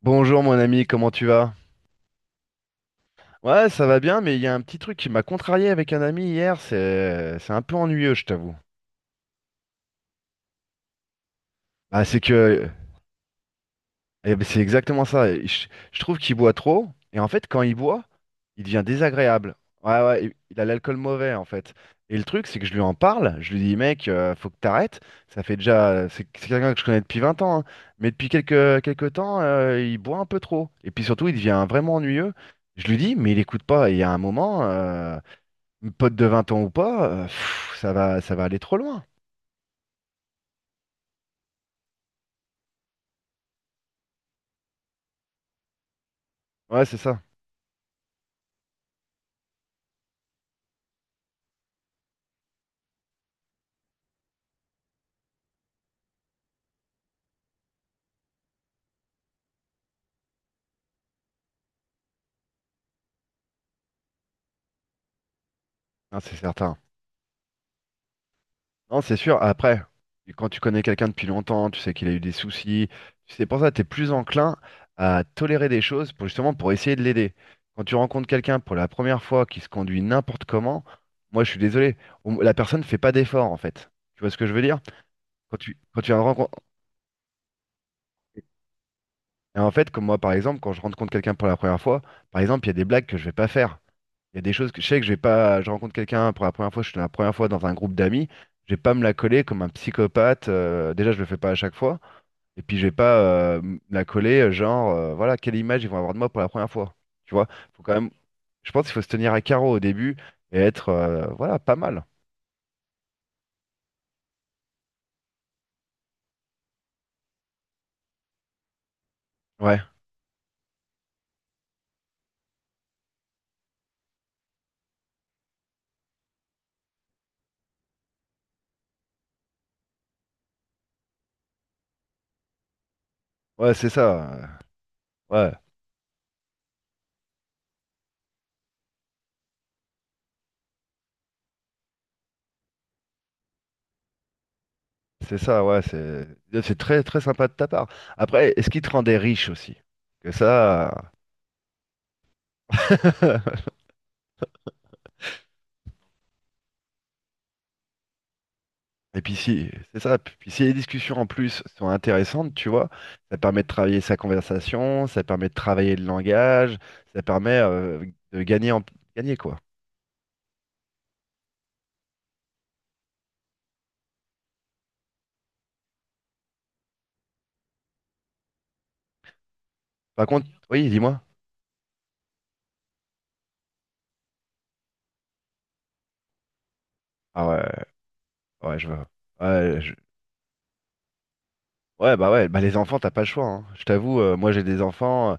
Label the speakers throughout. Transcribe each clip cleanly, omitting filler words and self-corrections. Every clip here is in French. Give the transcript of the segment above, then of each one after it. Speaker 1: Bonjour mon ami, comment tu vas? Ouais, ça va bien, mais il y a un petit truc qui m'a contrarié avec un ami hier, c'est un peu ennuyeux, je t'avoue. Ah, c'est que eh ben, c'est exactement ça. Et je trouve qu'il boit trop, et en fait, quand il boit, il devient désagréable. Ouais, ouais, il a l'alcool mauvais en fait. Et le truc, c'est que je lui en parle, je lui dis, mec, faut que t'arrêtes. Ça fait déjà, c'est quelqu'un que je connais depuis 20 ans, hein, mais depuis quelques temps, il boit un peu trop. Et puis surtout, il devient vraiment ennuyeux. Je lui dis, mais il écoute pas. Et il y a un moment, pote de 20 ans ou pas, pff, ça va aller trop loin. Ouais, c'est ça. Non, c'est certain. Non, c'est sûr. Après, quand tu connais quelqu'un depuis longtemps, tu sais qu'il a eu des soucis. C'est pour ça que tu es plus enclin à tolérer des choses pour justement pour essayer de l'aider. Quand tu rencontres quelqu'un pour la première fois qui se conduit n'importe comment, moi je suis désolé, la personne ne fait pas d'effort en fait. Tu vois ce que je veux dire? Quand tu rencontres. Et en fait, comme moi par exemple, quand je rencontre quelqu'un pour la première fois, par exemple, il y a des blagues que je vais pas faire. Il y a des choses que je sais que je vais pas. Je rencontre quelqu'un pour la première fois, je suis la première fois dans un groupe d'amis. Je vais pas me la coller comme un psychopathe. Déjà, je le fais pas à chaque fois. Et puis, je vais pas me la coller, genre, voilà, quelle image ils vont avoir de moi pour la première fois. Tu vois, faut quand même. Je pense qu'il faut se tenir à carreau au début et être, voilà, pas mal. Ouais, ouais, c'est ça. Ouais, c'est ça. Ouais, c'est très, très sympa de ta part. Après, est-ce qu'il te rendait riche aussi? Que ça. Et puis si, c'est ça. Puis si les discussions en plus sont intéressantes, tu vois, ça permet de travailler sa conversation, ça permet de travailler le langage, ça permet de gagner en gagner quoi. Par contre, oui, dis-moi. Ah ouais, ouais, je vois. Ouais, ouais, bah les enfants, t'as pas le choix, hein. Je t'avoue, moi j'ai des enfants.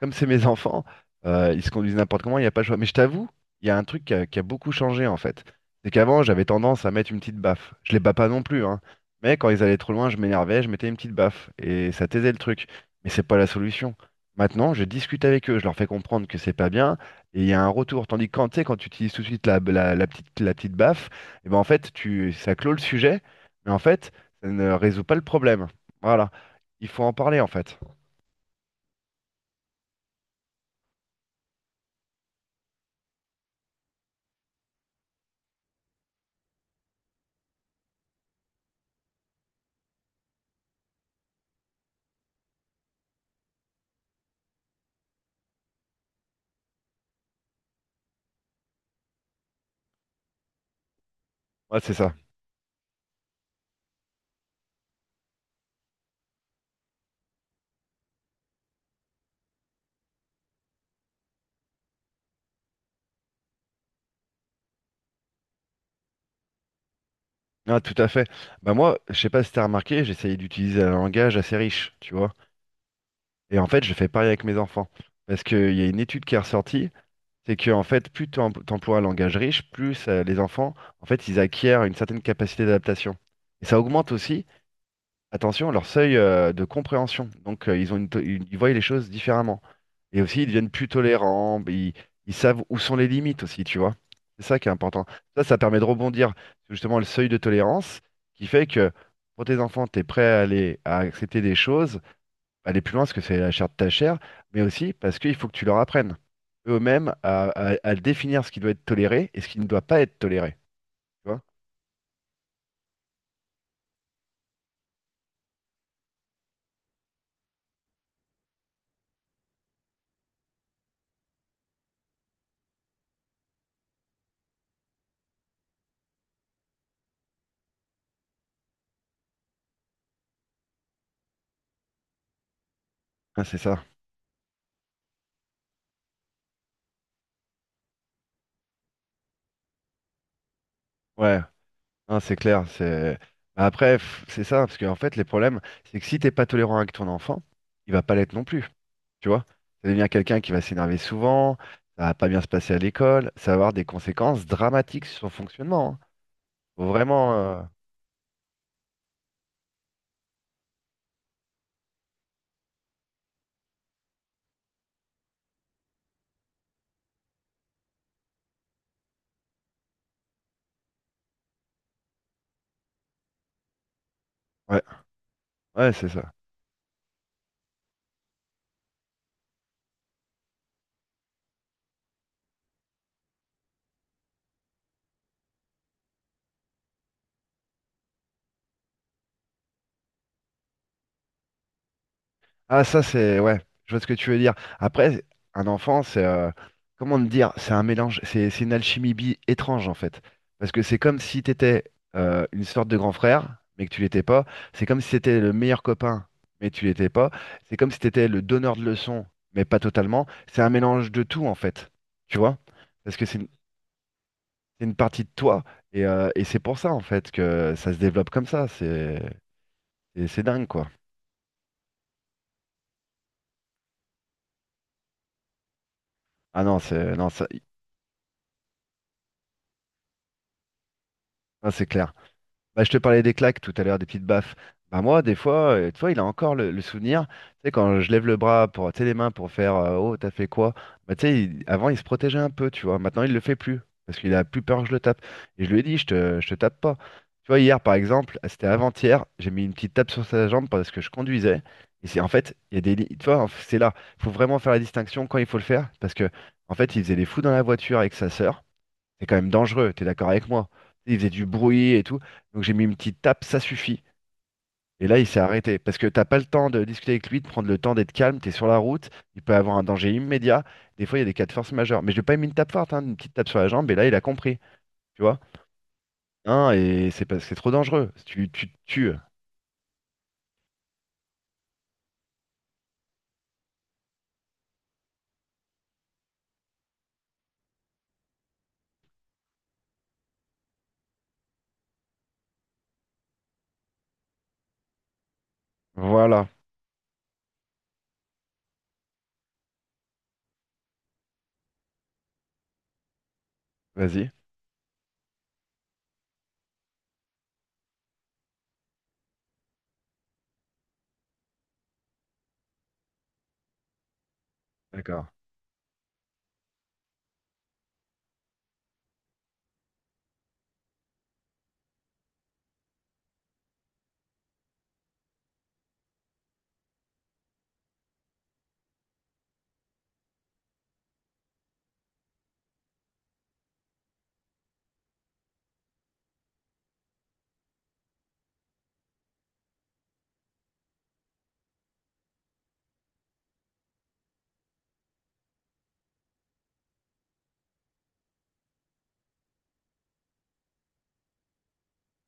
Speaker 1: Comme c'est mes enfants, ils se conduisent n'importe comment, il n'y a pas le choix. Mais je t'avoue, il y a un truc qui a beaucoup changé en fait. C'est qu'avant, j'avais tendance à mettre une petite baffe. Je les bats pas non plus, hein. Mais quand ils allaient trop loin, je m'énervais, je mettais une petite baffe. Et ça taisait le truc. Mais c'est pas la solution. Maintenant, je discute avec eux, je leur fais comprendre que c'est pas bien, et il y a un retour. Tandis que quand tu sais, quand tu utilises tout de suite la petite baffe, et ben en fait, ça clôt le sujet, mais en fait, ça ne résout pas le problème. Voilà. Il faut en parler en fait. Ouais, c'est ça. Ah, tout à fait. Bah moi, je sais pas si t'as remarqué, j'essayais d'utiliser un langage assez riche, tu vois. Et en fait, je fais pareil avec mes enfants. Parce qu'il y a une étude qui est ressortie, c'est que en fait, plus t'emploies un langage riche, plus les enfants, en fait, ils acquièrent une certaine capacité d'adaptation. Et ça augmente aussi, attention, leur seuil de compréhension. Donc, ils ont ils voient les choses différemment. Et aussi, ils deviennent plus tolérants. Ils savent où sont les limites aussi, tu vois. C'est ça qui est important. Ça permet de rebondir sur justement le seuil de tolérance qui fait que pour tes enfants, tu es prêt à aller à accepter des choses, aller plus loin parce que c'est la chair de ta chair, mais aussi parce qu'il faut que tu leur apprennes eux-mêmes à, à définir ce qui doit être toléré et ce qui ne doit pas être toléré. Tu vois? Ah, c'est ça. Ouais. Non, c'est clair, c'est. Bah après, pff, c'est ça, parce qu'en fait, les problèmes, c'est que si t'es pas tolérant avec ton enfant, il va pas l'être non plus, tu vois. Ça devient quelqu'un qui va s'énerver souvent, ça va pas bien se passer à l'école, ça va avoir des conséquences dramatiques sur son fonctionnement, hein. Faut vraiment. Ouais, ouais, c'est ça. Ah, ça, c'est. Ouais, je vois ce que tu veux dire. Après, un enfant, c'est. Comment te dire? C'est un mélange. C'est une alchimie bi étrange, en fait. Parce que c'est comme si t'étais une sorte de grand frère, mais que tu l'étais pas. C'est comme si t'étais le meilleur copain, mais tu l'étais pas. C'est comme si t'étais le donneur de leçons, mais pas totalement. C'est un mélange de tout, en fait. Tu vois? Parce que c'est une partie de toi. Et, c'est pour ça, en fait, que ça se développe comme ça. C'est dingue, quoi. Ah non, c'est non, ça, c'est clair. Bah, je te parlais des claques tout à l'heure, des petites baffes. Bah, moi, des fois, tu vois, il a encore le souvenir. Tu sais, quand je lève le bras pour, tu sais, les mains pour faire oh, t'as fait quoi? Bah, tu sais, avant, il se protégeait un peu, tu vois. Maintenant, il le fait plus parce qu'il a plus peur que je le tape. Et je lui ai dit, je te tape pas. Tu vois, hier, par exemple, ah, c'était avant-hier, j'ai mis une petite tape sur sa jambe parce que je conduisais. Et c'est en fait, il y a tu vois, c'est là. Il faut vraiment faire la distinction quand il faut le faire parce que, en fait, il faisait les fous dans la voiture avec sa sœur. C'est quand même dangereux, t'es d'accord avec moi? Il faisait du bruit et tout, donc j'ai mis une petite tape, ça suffit. Et là, il s'est arrêté, parce que t'as pas le temps de discuter avec lui, de prendre le temps d'être calme, t'es sur la route, il peut avoir un danger immédiat. Des fois, il y a des cas de force majeure. Mais je lui ai pas mis une tape forte, hein, une petite tape sur la jambe, et là, il a compris, tu vois? Hein, et c'est parce que c'est trop dangereux, tu te tues. Voilà, vas-y. D'accord.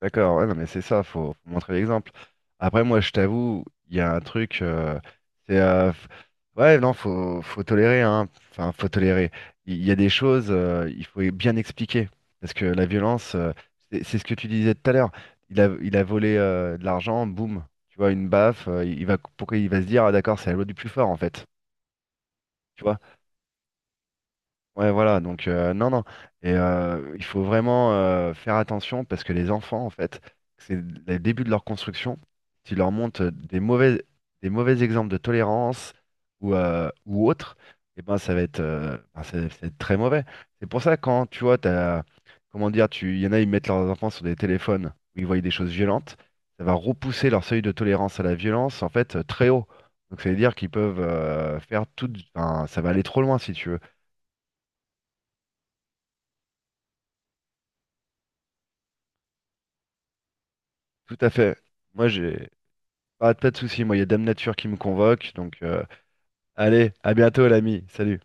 Speaker 1: D'accord, ouais, non, mais c'est ça, faut montrer l'exemple. Après, moi, je t'avoue, il y a un truc, c'est, euh, f- ouais, non, faut tolérer, hein, enfin, faut tolérer. Il y a des choses, il faut bien expliquer, parce que la violence, c'est ce que tu disais tout à l'heure. Il a volé de l'argent, boum, tu vois, une baffe, pourquoi il va se dire, ah, d'accord, c'est la loi du plus fort, en fait, tu vois. Ouais, voilà, donc non, non. Et il faut vraiment faire attention parce que les enfants, en fait, c'est le début de leur construction. Tu leur montrent des mauvais exemples de tolérance ou autre, et ben, ça va être, ben, ça va être très mauvais. C'est pour ça, quand tu vois, t'as, comment dire, il y en a, ils mettent leurs enfants sur des téléphones où ils voient des choses violentes, ça va repousser leur seuil de tolérance à la violence, en fait, très haut. Donc, ça veut dire qu'ils peuvent faire tout, enfin, ça va aller trop loin si tu veux. Tout à fait. Moi, j'ai pas de soucis. Moi, il y a Dame Nature qui me convoque. Donc, allez, à bientôt, l'ami. Salut.